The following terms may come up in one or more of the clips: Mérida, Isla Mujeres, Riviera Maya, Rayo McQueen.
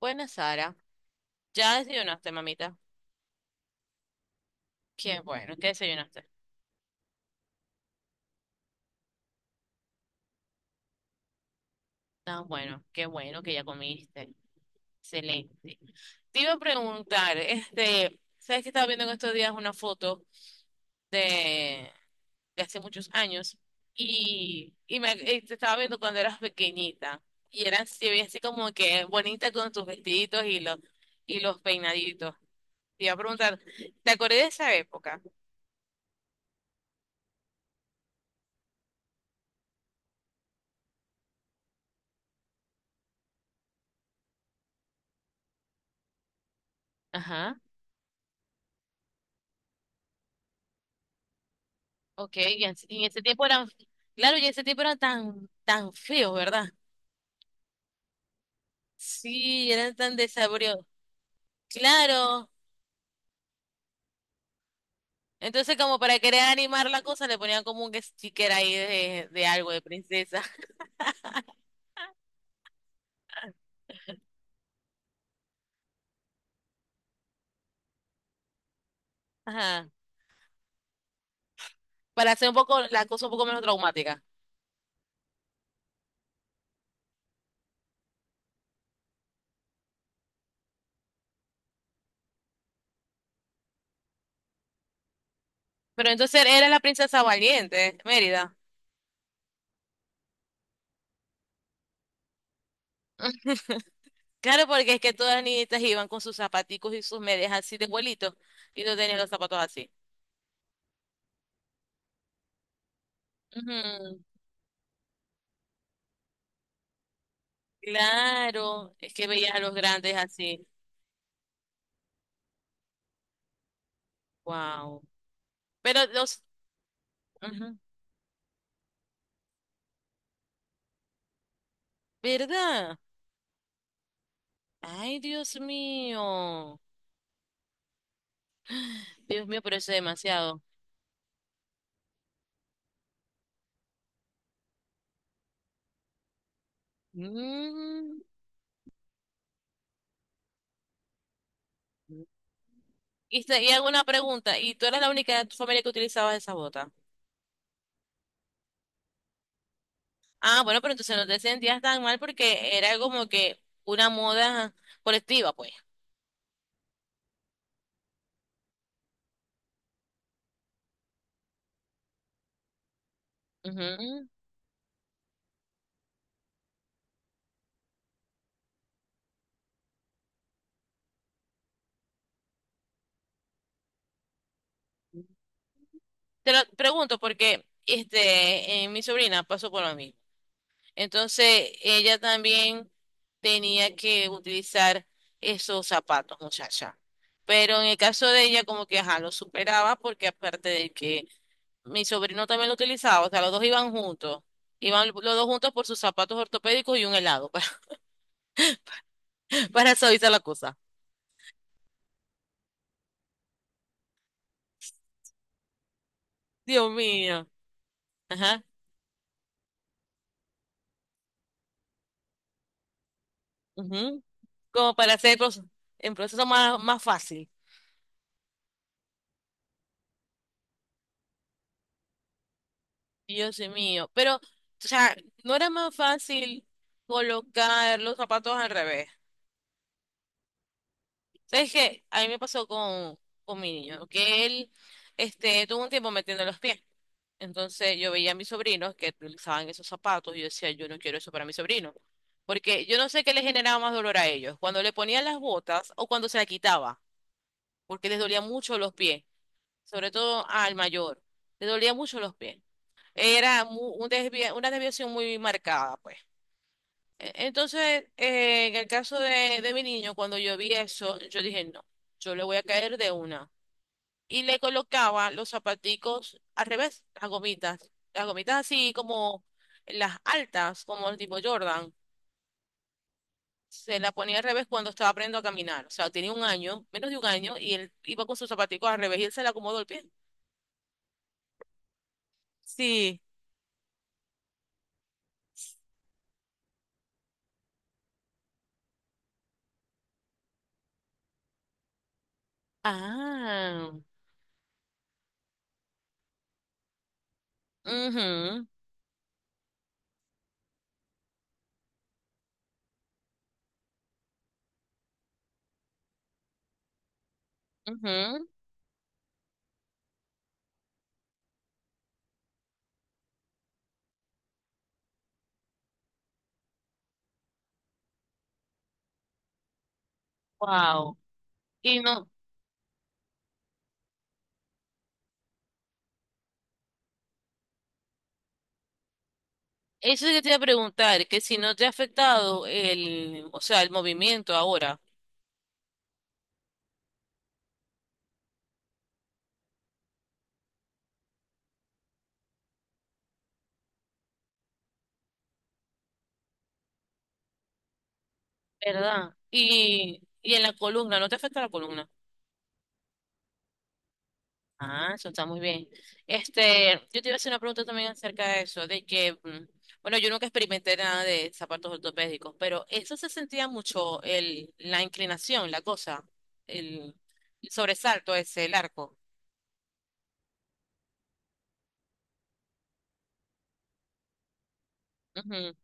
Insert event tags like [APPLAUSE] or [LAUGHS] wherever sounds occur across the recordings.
Buenas, Sara. ¿Ya desayunaste, mamita? Qué bueno, ¿qué desayunaste? Tan bueno, qué bueno que ya comiste. Excelente. Te iba a preguntar, ¿sabes que estaba viendo en estos días una foto de, de hace muchos años? Y te estaba viendo cuando eras pequeñita. Y eras Te veías así como que bonita con tus vestiditos y y los peinaditos. Te iba a preguntar, ¿te acordé de esa época? Ajá. Ok, y en ese tiempo eran, claro, y en ese tiempo eran tan feos, ¿verdad? Sí, eran tan desabridos. Claro. Entonces, como para querer animar la cosa, le ponían como un sticker ahí de algo, de princesa. [LAUGHS] Ajá. Para hacer un poco la cosa un poco menos traumática. Pero entonces era la princesa valiente, Mérida. [LAUGHS] Claro, porque es que todas las niñitas iban con sus zapaticos y sus medias así de vuelito y no tenían los zapatos así. Ujú. Claro, es que veías a los grandes así. Wow. Pero los, ujú, ¿verdad? Ay, Dios mío. Dios mío, pero eso es demasiado. Mm. Y hago una pregunta. ¿Y tú eras la única de tu familia que utilizaba esa bota? Ah, bueno, pero entonces no te sentías tan mal porque era como que una moda colectiva, pues. Ujú. Te lo pregunto porque mi sobrina pasó por lo mismo. Entonces ella también tenía que utilizar esos zapatos, muchacha. Pero en el caso de ella, como que ajá, lo superaba porque aparte de que mi sobrino también lo utilizaba, o sea, los dos iban juntos. Iban los dos juntos por sus zapatos ortopédicos y un helado [LAUGHS] para suavizar la cosa. Dios mío. Ajá. Ujú. Como para hacer proce- El proceso más fácil. Dios mío. Pero, o sea, no era más fácil colocar los zapatos al revés. ¿Sabes qué? A mí me pasó con mi niño, que él tuvo un tiempo metiendo los pies. Entonces yo veía a mis sobrinos que utilizaban esos zapatos y yo decía, yo no quiero eso para mi sobrino. Porque yo no sé qué le generaba más dolor a ellos, cuando le ponían las botas o cuando se la quitaba, porque les dolía mucho los pies, sobre todo al mayor, le dolía mucho los pies. Era una desviación muy marcada, pues. Entonces, en el caso de mi niño, cuando yo vi eso, yo dije, no, yo le voy a caer de una y le colocaba los zapaticos al revés, las gomitas. Las gomitas así como las altas, como el tipo Jordan. Se la ponía al revés cuando estaba aprendiendo a caminar. O sea, tenía un año, menos de un año, y él iba con sus zapaticos al revés y él se le acomodó el pie. Sí. Ah. Mhm. Wow. Y no, eso es lo que te iba a preguntar, que si no te ha afectado el, o sea, el movimiento ahora, ¿verdad? Y en la columna, ¿no te afecta la columna? Ah, eso está muy bien. Yo te iba a hacer una pregunta también acerca de eso, de que, bueno, yo nunca experimenté nada de zapatos ortopédicos, pero eso se sentía mucho el, la inclinación, la cosa, el, el sobresalto ese, el arco. Ujú.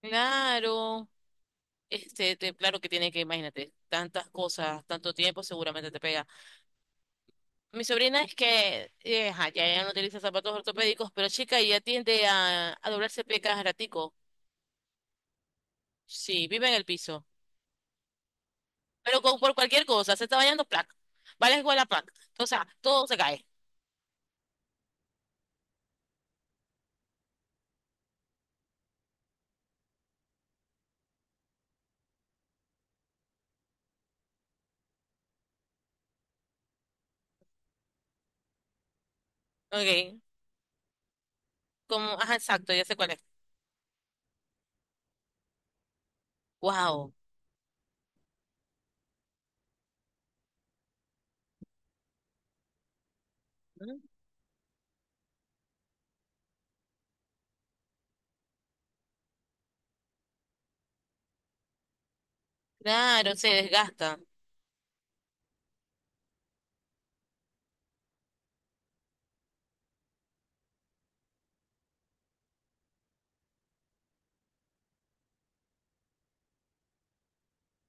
Claro, claro que tiene que, imagínate, tantas cosas, tanto tiempo, seguramente te pega. Mi sobrina es que, ajá, ya ella no utiliza zapatos ortopédicos, pero chica, ella tiende a doblarse pie cada ratico. Sí, vive en el piso. Por cualquier cosa, se está bañando, placa. Va a la escuela, placa. O sea, todo se cae. Ok. Como, ajá, exacto, ya sé cuál es. Wow. Claro, se desgasta.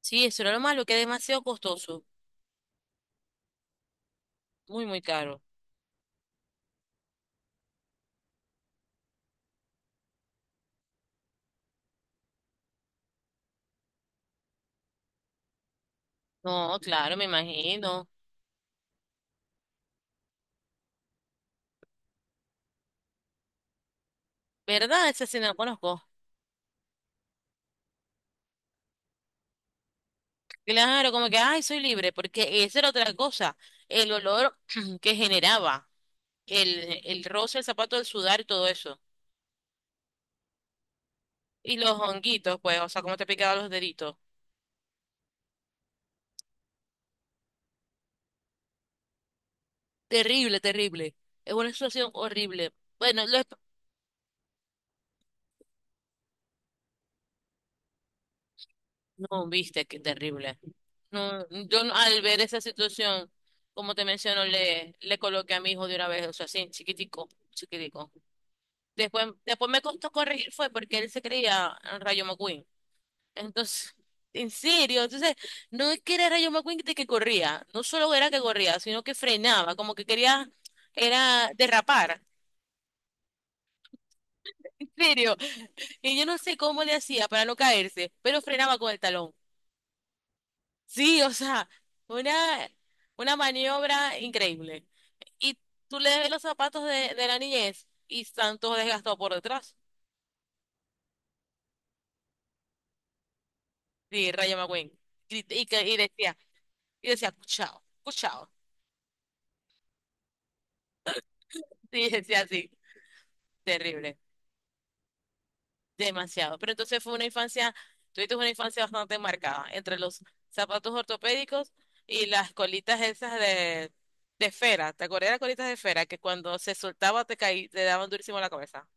Sí, eso era lo malo, que es demasiado costoso. Muy, muy caro. No, claro, me imagino. ¿Verdad? Esa sí no la conozco. Claro, como que, ay, soy libre, porque esa era otra cosa. El olor [CLEARS THROAT] que generaba, el roce, el zapato, el sudar y todo eso. Y los honguitos, pues, o sea, cómo te picaban los deditos. Terrible, terrible. Es una situación horrible. Bueno, lo, esp- no, viste, qué terrible. No, yo no- Al ver esa situación, como te menciono, le coloqué a mi hijo de una vez, o sea, así, chiquitico, chiquitico. Después, después me costó corregir fue porque él se creía Rayo McQueen. Entonces, [LAUGHS] en serio, entonces, no es que era Rayo McQueen de que corría, no solo era que corría, sino que frenaba, como que quería, era derrapar. En serio. Y yo no sé cómo le hacía para no caerse, pero frenaba con el talón. Sí, o sea, una, una maniobra increíble. Y tú le ves los zapatos de la niñez y están todos desgastados por detrás. Sí, Rayo McQueen. Y decía, y decía, cuchao, cuchao. [LAUGHS] Sí, decía así. Terrible. Demasiado. Pero entonces fue una infancia, tuviste una infancia bastante marcada entre los zapatos ortopédicos y las colitas esas de esfera. ¿Te acuerdas de las colitas de esfera que cuando se soltaba te caí, te daban durísimo en la cabeza?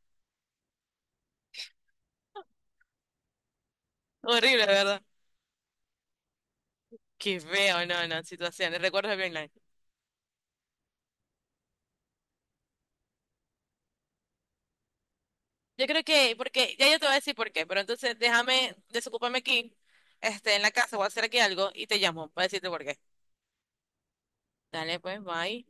Horrible, ¿verdad? Qué feo, no, no, situaciones, recuerdos bien nice. Yo creo que, porque, ya yo te voy a decir por qué, pero entonces déjame, desocúpame aquí, en la casa, voy a hacer aquí algo y te llamo para decirte por qué. Dale, pues, bye.